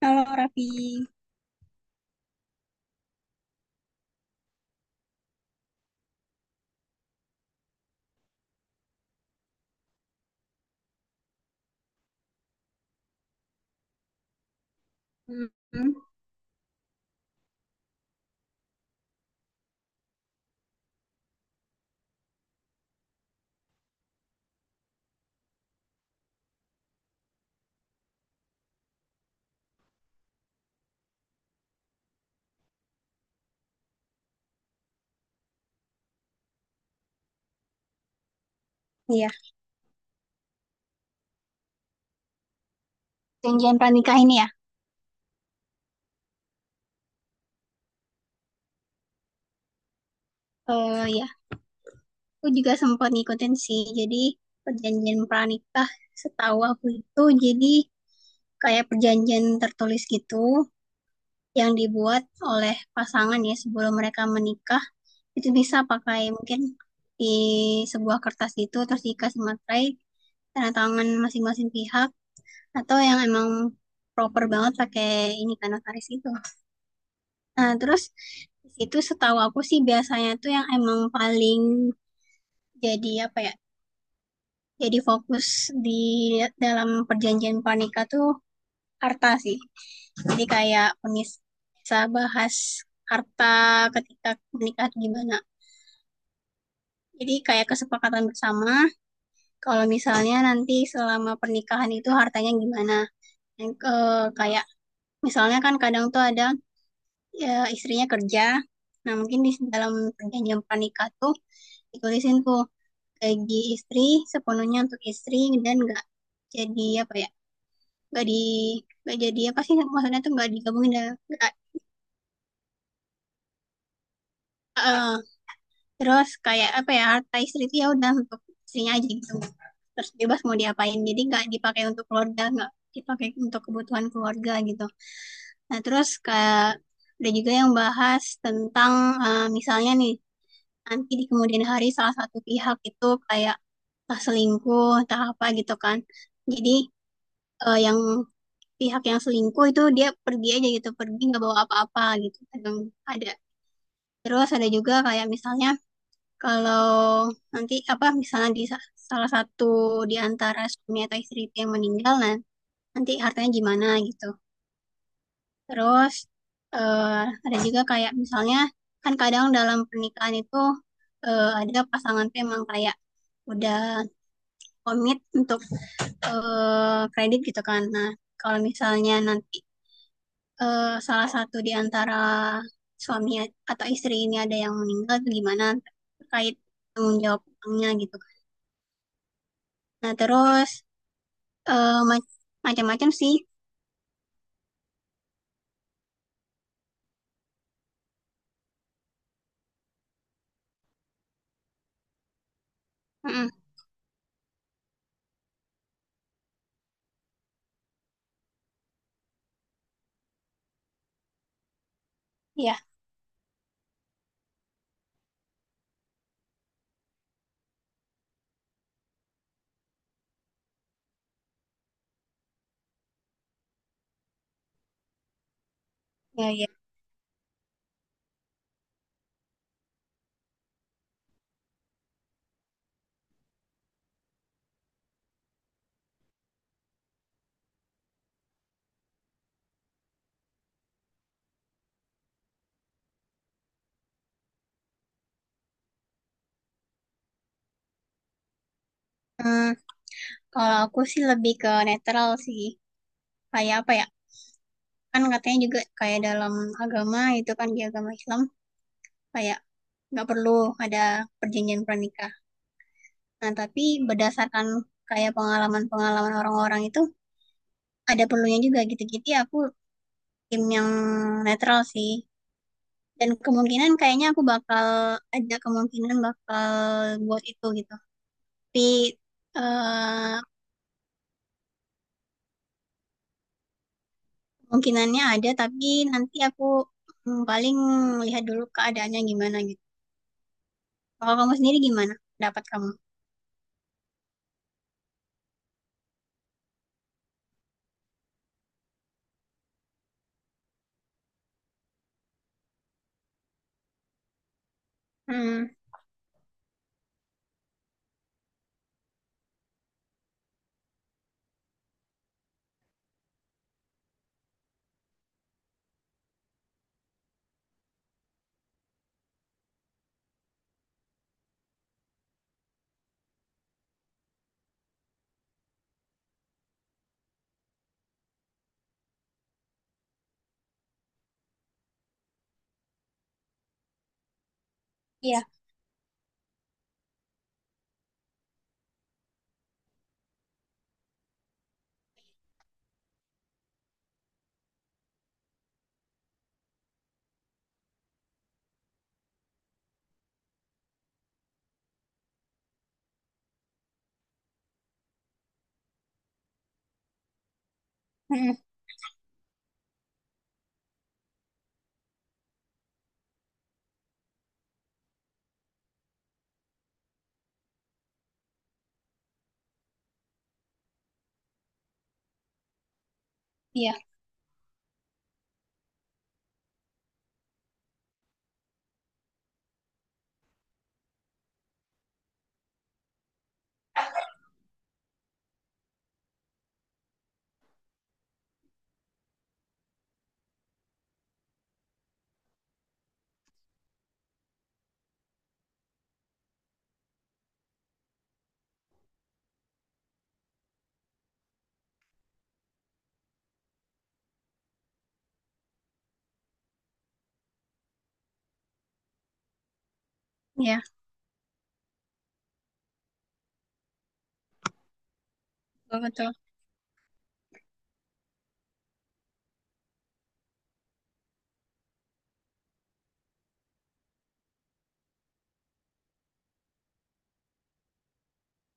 Kalau Raffi, iya, perjanjian pranikah ini ya. Eh ya, aku juga sempat ngikutin sih. Jadi perjanjian pranikah setahu aku itu jadi kayak perjanjian tertulis gitu yang dibuat oleh pasangan ya sebelum mereka menikah. Itu bisa pakai mungkin di sebuah kertas itu terus dikasih materai tanda tangan masing-masing pihak atau yang emang proper banget pakai ini kan notaris itu. Nah, terus di situ setahu aku sih biasanya tuh yang emang paling jadi apa ya? Jadi fokus di dalam perjanjian pranikah tuh harta sih. Jadi kayak bisa bahas harta ketika menikah tuh gimana. Jadi kayak kesepakatan bersama kalau misalnya nanti selama pernikahan itu hartanya gimana. Dan, kayak misalnya kan kadang tuh ada ya istrinya kerja. Nah, mungkin di dalam perjanjian pernikah tuh ditulisin tuh gaji istri sepenuhnya untuk istri dan nggak jadi apa ya nggak di nggak jadi apa sih maksudnya tuh nggak digabungin dan nggak- eh, terus kayak apa ya harta istri itu ya udah untuk istrinya aja gitu terus bebas mau diapain jadi nggak dipakai untuk keluarga nggak dipakai untuk kebutuhan keluarga gitu. Nah, terus kayak ada juga yang bahas tentang, misalnya nih, nanti di kemudian hari salah satu pihak itu kayak entah selingkuh entah apa gitu kan. Jadi, yang pihak yang selingkuh itu dia pergi aja gitu, pergi nggak bawa apa-apa gitu kadang ada. Terus ada juga kayak misalnya kalau nanti apa misalnya di salah satu di antara suami atau istri itu yang meninggal, nah nanti hartanya gimana gitu. Terus eh, ada juga kayak misalnya kan kadang dalam pernikahan itu ada pasangan tuh emang kayak udah komit untuk, kredit gitu kan. Nah, kalau misalnya nanti, salah satu di antara suami atau istri ini ada yang meninggal tuh gimana terkait tanggung jawab utangnya gitu kan. Nah, terus eh, ma- macam-macam sih. Mm-mm. Iya, iya, iya. Hmm, kalau aku sih lebih ke netral sih. Kayak apa ya? Kan katanya juga kayak dalam agama itu kan di agama Islam kayak nggak perlu ada perjanjian pernikah. Nah, tapi berdasarkan kayak pengalaman-pengalaman orang-orang itu ada perlunya juga gitu. Jadi aku tim yang netral sih. Dan kemungkinan kayaknya aku bakal ada kemungkinan bakal buat itu gitu. Tapi eh, kemungkinannya ada tapi nanti aku, paling lihat dulu keadaannya gimana gitu. Kalau kamu sendiri gimana? Pendapat kamu? Hmm. Iya. Mm. Iya, iya, betul, betul.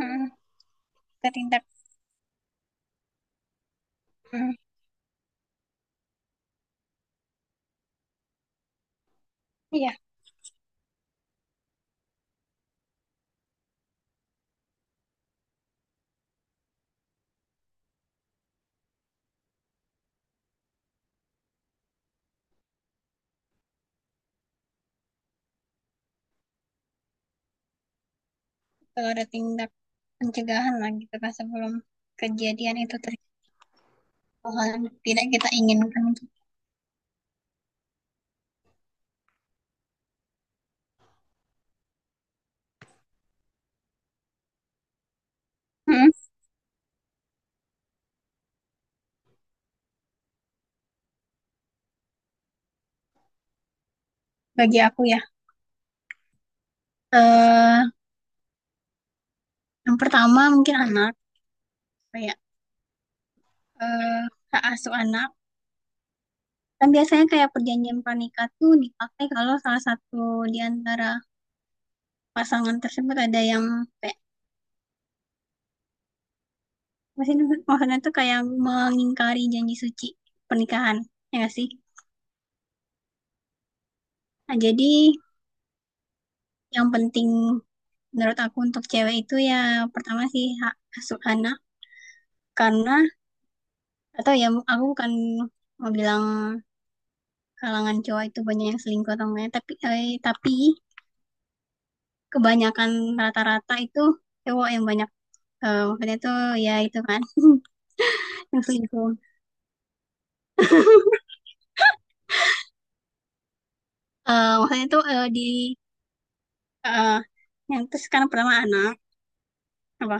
Mm. Ada tindak, mm, iya, betul ada tindak pencegahan lah gitu kan sebelum kejadian itu terjadi, hal yang tidak kita inginkan, gitu. Mm. Bagi aku ya, eh yang pertama mungkin anak, kayak eh, hak asuh anak. Kan biasanya kayak perjanjian pernikah tuh dipakai kalau salah satu di antara pasangan tersebut ada yang kayak maksudnya, maksudnya tuh kayak mengingkari janji suci pernikahan, ya nggak sih? Nah, jadi yang penting menurut aku untuk cewek itu ya pertama sih hak asuh anak karena, atau ya, aku bukan mau bilang kalangan cowok itu banyak yang selingkuh atau enggak ya, tapi kebanyakan rata-rata itu cowok yang banyak, maksudnya itu ya itu kan yang selingkuh. Maksudnya itu, eh, yang terus kan pertama anak, apa,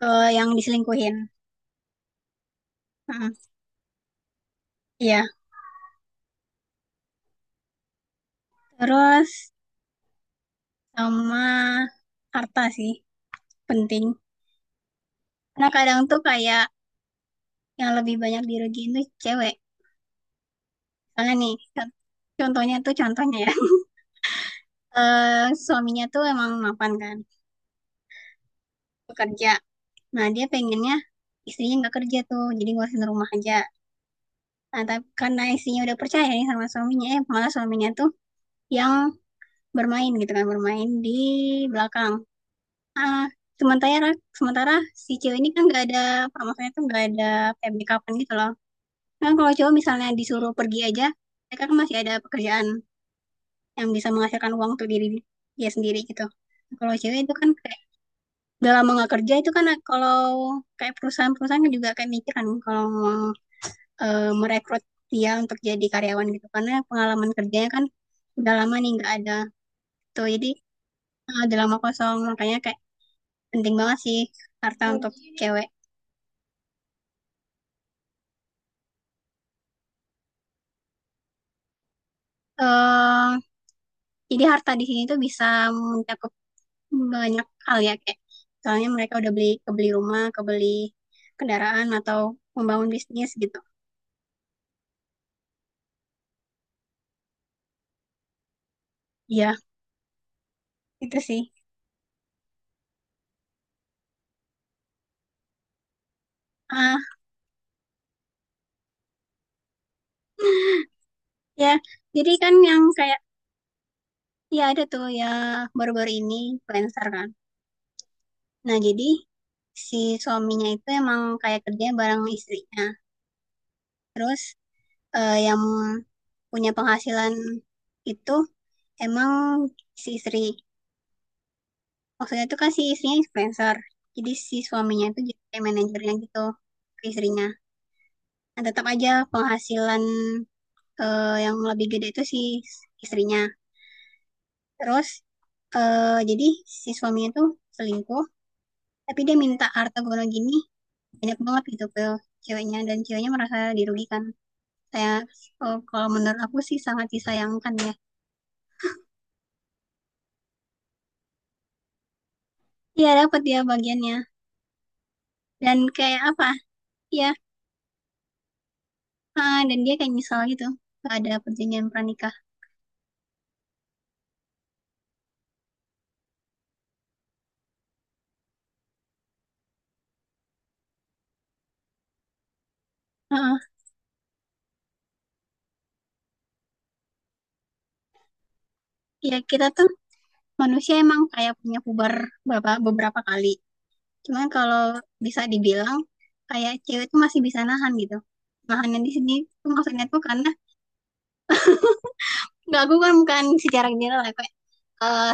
ke yang diselingkuhin. Heeh, iya, terus sama harta sih penting. Nah kadang tuh kayak yang lebih banyak dirugiin tuh cewek. Soalnya nih, kan, contohnya ya. Eh, suaminya tuh emang mapan kan, bekerja. Nah, dia pengennya istrinya nggak kerja tuh, jadi ngurusin rumah aja. Nah, tapi karena istrinya udah percaya nih sama suaminya, eh, malah suaminya tuh yang bermain gitu kan, bermain di belakang. Ah, sementara sementara si cewek ini kan nggak ada, apa, maksudnya tuh nggak ada kayak backupan gitu loh. Kan kalau cowok misalnya disuruh pergi aja, mereka kan masih ada pekerjaan yang bisa menghasilkan uang untuk diri dia sendiri gitu. Kalau cewek itu kan kayak udah lama nggak kerja itu kan kalau kayak perusahaan-perusahaan kan juga kayak mikir kan kalau mau, merekrut dia untuk jadi karyawan gitu karena pengalaman kerjanya kan udah lama nih nggak ada tuh jadi, udah lama kosong, makanya kayak penting banget sih harta untuk cewek. eh jadi harta di sini tuh bisa mencakup banyak hal ya kayak misalnya mereka udah beli, kebeli rumah, kebeli kendaraan, atau membangun bisnis gitu. Iya, itu sih. Ah, ya. Jadi kan yang kayak ya ada tuh ya baru-baru ini influencer kan. Nah, jadi si suaminya itu emang kayak kerja bareng istrinya. Terus yang punya penghasilan itu emang si istri. Maksudnya itu kan si istrinya influencer. Jadi si suaminya itu jadi kayak manajernya gitu ke istrinya. Nah, tetap aja penghasilan, yang lebih gede itu si istrinya. Terus jadi si suaminya tuh selingkuh, tapi dia minta harta gono gini banyak banget gitu ke ceweknya dan ceweknya merasa dirugikan. Saya kalau menurut aku sih sangat disayangkan ya. Iya dapat dia bagiannya dan kayak apa? Ya, ah, dan dia kayak nyesal gitu gak ada perjanjian pranikah. Heeh. Ya kita tuh manusia emang kayak punya puber beberapa beberapa kali. Cuman kalau bisa dibilang kayak cewek tuh masih bisa nahan gitu. Nahannya di sini tuh maksudnya tuh karena, nggak, aku kan bukan secara general ya, eh,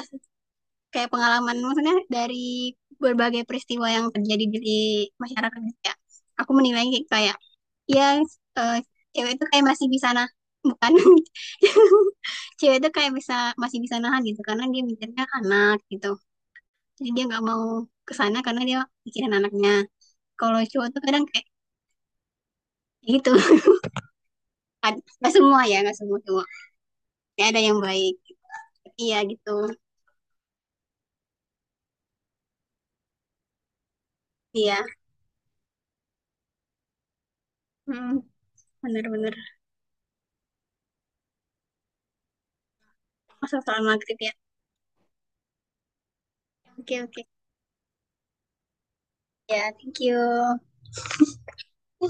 kayak pengalaman maksudnya dari berbagai peristiwa yang terjadi di masyarakat gitu ya. Aku menilai kayak, kayak, ya eh, cewek itu kayak masih bisa nah bukan, cewek itu kayak bisa masih bisa nahan gitu karena dia mikirnya anak gitu. Jadi dia nggak mau kesana karena dia mikirin anaknya. Kalau cowok tuh kadang kayak gitu. Nggak semua ya, nggak semua cowok. Ya ada yang baik. Iya gitu. Iya. Mm, bener-bener. Masalah soal maghrib ya. Oke, oke. Ya, thank you.